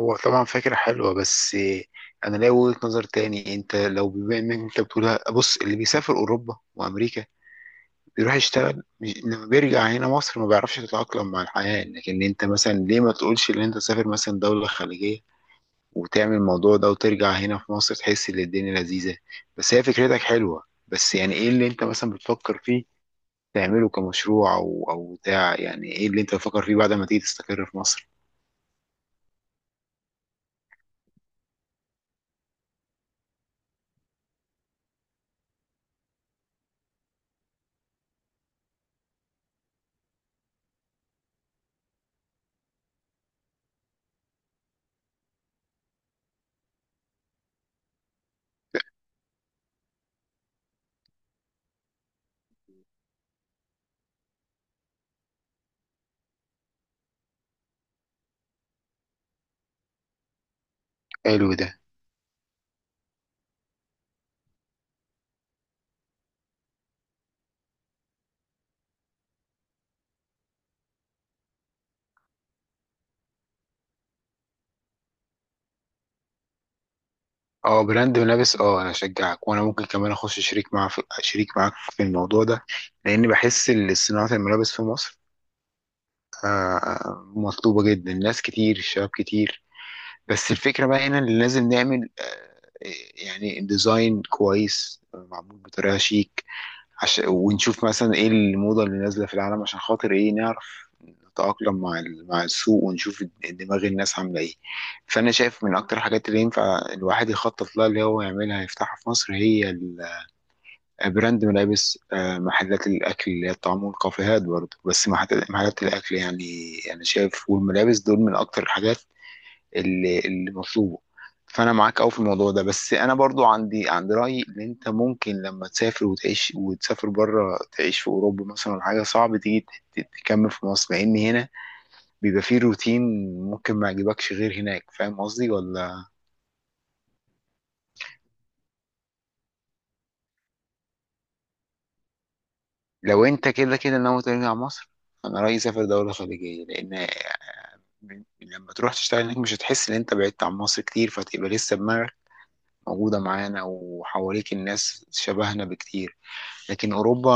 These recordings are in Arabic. هو طبعا فكرة حلوة بس أنا ليا وجهة نظر تاني. أنت لو بما إنك أنت بتقولها، بص، اللي بيسافر أوروبا وأمريكا بيروح يشتغل لما بيرجع هنا مصر ما بيعرفش يتأقلم مع الحياة. لكن أنت مثلا ليه ما تقولش إن أنت تسافر مثلا دولة خليجية وتعمل الموضوع ده وترجع هنا في مصر تحس إن الدنيا لذيذة. بس هي فكرتك حلوة، بس يعني إيه اللي أنت مثلا بتفكر فيه تعمله كمشروع أو بتاع؟ يعني إيه اللي أنت بتفكر فيه بعد ما تيجي تستقر في مصر؟ حلو ده. اه، براند ملابس. اه، انا اشجعك، وانا ممكن كمان اخش شريك مع في شريك معاك في الموضوع ده، لان بحس ان صناعه الملابس في مصر مطلوبه جدا، ناس كتير، شباب كتير. بس الفكره بقى هنا اللي لازم نعمل، يعني ديزاين كويس، معمول بطريقه شيك، عشان ونشوف مثلا ايه الموضة اللي نازلة في العالم عشان خاطر ايه نعرف نتأقلم مع مع السوق، ونشوف دماغ الناس عاملة ايه. فأنا شايف من أكتر الحاجات اللي ينفع الواحد يخطط لها اللي هو يعملها يفتحها في مصر هي براند ملابس، محلات الأكل اللي هي الطعام، والكافيهات برضه، بس محلات الأكل، يعني أنا شايف، والملابس دول من أكتر الحاجات اللي مطلوبه. فانا معاك قوي في الموضوع ده، بس انا برضو عندي راي ان انت ممكن لما تسافر وتعيش، وتسافر بره تعيش في اوروبا مثلا ولا حاجه، صعب تيجي تكمل في مصر لان هنا بيبقى فيه روتين ممكن ما يعجبكش غير هناك. فاهم قصدي ولا؟ لو انت كده كده ناوي ترجع مصر، انا رايي سافر دوله خليجيه، لان لما تروح تشتغل هناك مش هتحس ان انت بعدت عن مصر كتير، فتبقى لسه دماغك موجوده معانا وحواليك الناس شبهنا بكتير. لكن اوروبا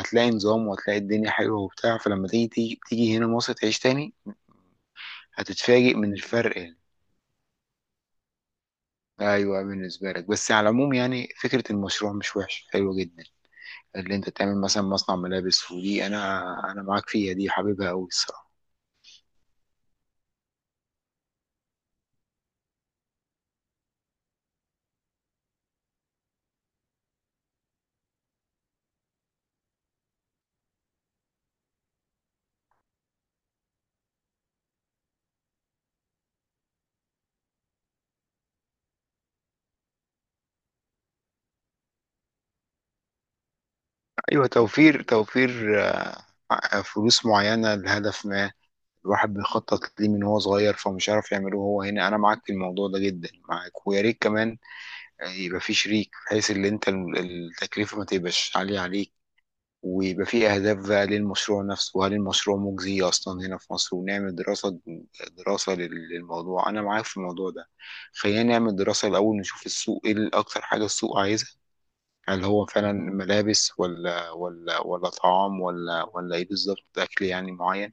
هتلاقي نظام، وهتلاقي الدنيا حلوه وبتاع، فلما تيجي هنا مصر تعيش تاني هتتفاجئ من الفرق يعني. ايوه بالنسبه لك، بس على العموم يعني فكره المشروع مش وحش، حلوه جدا اللي انت تعمل مثلا مصنع ملابس. ودي انا معاك فيها، دي حبيبها قوي الصراحه. ايوه، توفير توفير، فلوس معينه لهدف ما. الواحد بيخطط ليه من هو صغير، فمش عارف يعمله هو هنا. انا معاك في الموضوع ده جدا معاك، ويا ريت كمان يعني يبقى في شريك بحيث ان انت التكلفه ما تبقاش عاليه عليك، ويبقى في اهداف بقى للمشروع نفسه. وهل المشروع مجزي اصلا هنا في مصر؟ ونعمل دراسه دراسه للموضوع. انا معاك في الموضوع ده. خلينا نعمل دراسه الاول نشوف السوق ايه اكتر حاجه السوق عايزها. هل هو فعلا ملابس ولا طعام ولا ايه بالظبط؟ اكل يعني معين؟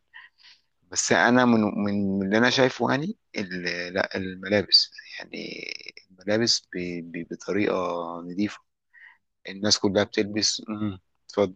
بس انا من اللي انا شايفه، يعني لا الملابس، يعني الملابس بطريقه نظيفه. الناس كلها بتلبس. مم. اتفضل.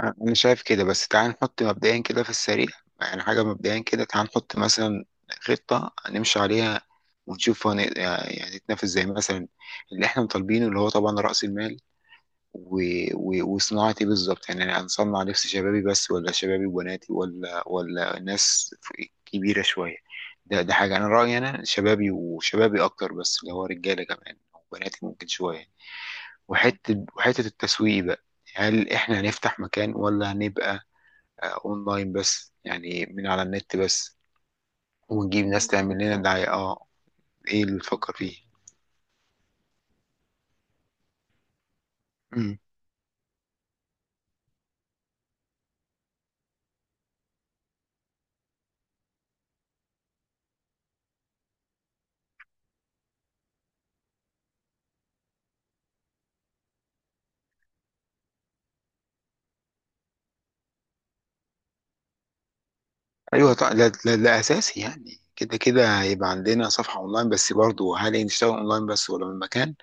انا شايف كده، بس تعال نحط مبدئيا كده في السريع، يعني حاجه مبدئيا كده. تعال نحط مثلا خطه نمشي عليها، ونشوف يعني نتنافس زي مثلا اللي احنا مطالبينه، اللي هو طبعا راس المال، و... وصناعه ايه بالظبط؟ يعني انا هنصنع لبس شبابي بس ولا شبابي وبناتي ولا ناس كبيره شويه؟ ده حاجه، انا رايي انا شبابي، وشبابي اكتر بس، اللي هو رجاله كمان وبناتي ممكن شويه. وحتة التسويق بقى، هل احنا هنفتح مكان ولا هنبقى اونلاين بس، يعني من على النت بس، ونجيب ناس تعمل لنا دعاية، اه؟ ايه اللي بتفكر فيه؟ مم. ايوه طبعا، ده اساسي، يعني كده كده هيبقى عندنا صفحة اونلاين بس. برضو هل نشتغل اونلاين بس ولا من مكان؟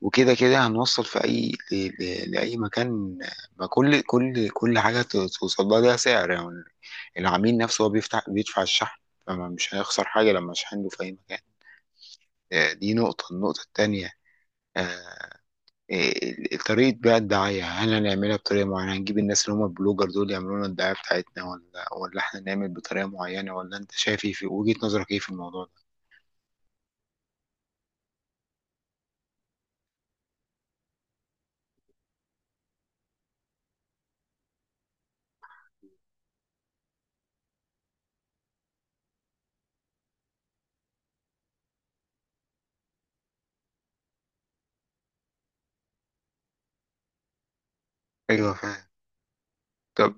وكده كده هنوصل في اي لاي مكان، ما كل كل حاجة توصل لها ليها سعر يعني. العميل نفسه هو بيفتح بيدفع الشحن، فمش هيخسر حاجة لما شحنه في اي مكان. دي نقطة، النقطة التانية، آه، طريقة بقى الدعاية، هل هنعملها بطريقة معينة؟ هنجيب الناس اللي هم البلوجر دول يعملوا لنا الدعاية بتاعتنا، ولا احنا نعمل بطريقة معينة؟ ولا انت شايف ايه في وجهة نظرك ايه في الموضوع ده؟ ايوه، فاهم. طب.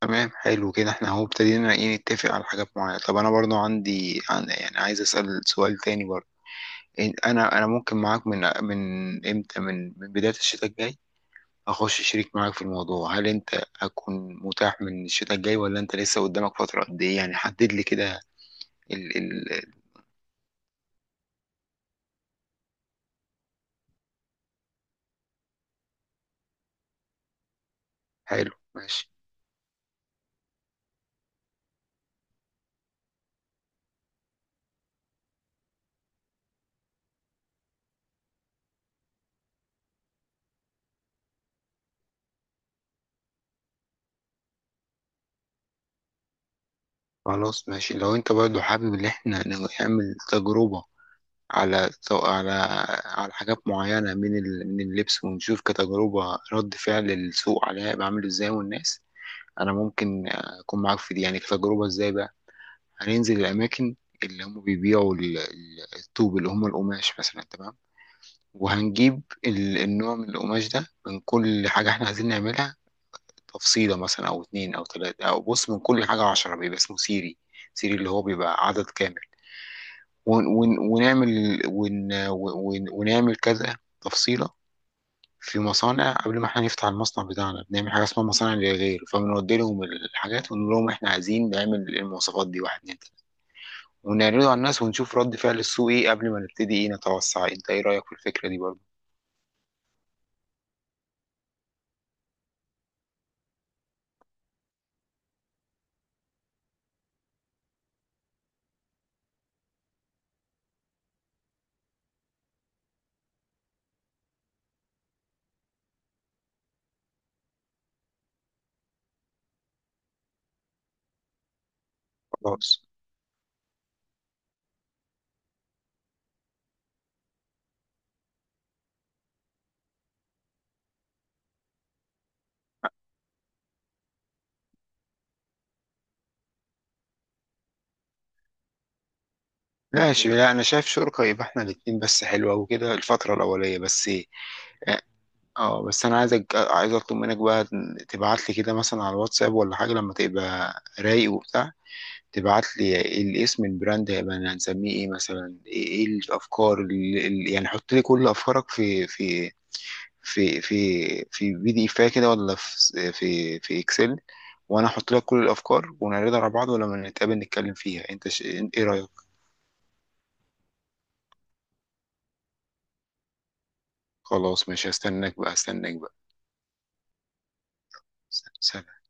تمام، حلو كده، احنا اهو ابتدينا، ايه نتفق على حاجات معينة. طب انا برضو عندي يعني عايز اسأل سؤال تاني برضو. انا ممكن معاك، من امتى؟ من بداية الشتاء الجاي اخش شريك معاك في الموضوع. هل انت هتكون متاح من الشتاء الجاي ولا انت لسه قدامك فترة؟ قد ايه يعني؟ حدد لي كده. ال ال حلو ماشي. خلاص ماشي، لو انت برضو حابب ان احنا نعمل تجربة على حاجات معينة من من اللبس، ونشوف كتجربة رد فعل السوق عليها يبقى عامل ازاي والناس. انا ممكن اكون معاك في دي يعني كتجربة. ازاي بقى؟ هننزل الاماكن اللي هم بيبيعوا الطوب اللي هم القماش مثلا. تمام. وهنجيب النوع من القماش ده، من كل حاجة احنا عايزين نعملها، تفصيلة مثلا أو اتنين أو تلاتة. أو بص، من كل حاجة 10، بيبقى اسمه سيري. سيري اللي هو بيبقى عدد كامل. ون ون ونعمل ون ون ونعمل كذا تفصيلة. في مصانع قبل ما احنا نفتح المصنع بتاعنا بنعمل حاجة اسمها مصانع للغير، فبنودي لهم الحاجات ونقول لهم احنا عايزين نعمل المواصفات دي، واحد، اتنين، تلاتة. ونعرضه على الناس ونشوف رد فعل السوق ايه قبل ما نبتدي ايه نتوسع. انت ايه رأيك في الفكرة دي برضه؟ خلاص ماشي. لا انا شايف شركة يبقى احنا الاتنين بس حلوة، وكده الفترة الاولية بس، إيه. اه، بس انا عايز اطلب منك بقى تبعت لي كده مثلا على الواتساب ولا حاجة لما تبقى رايق وبتاع. تبعت لي الاسم. البراند هيبقى هنسميه ايه مثلا؟ ايه الافكار، يعني حط لي كل افكارك في في في PDF كده ولا في اكسل. وانا احط لك كل الافكار، ونعرضها على بعض ولما نتقابل نتكلم فيها. انت ايه رايك؟ خلاص ماشي، هستناك بقى هستناك بقى. سلام.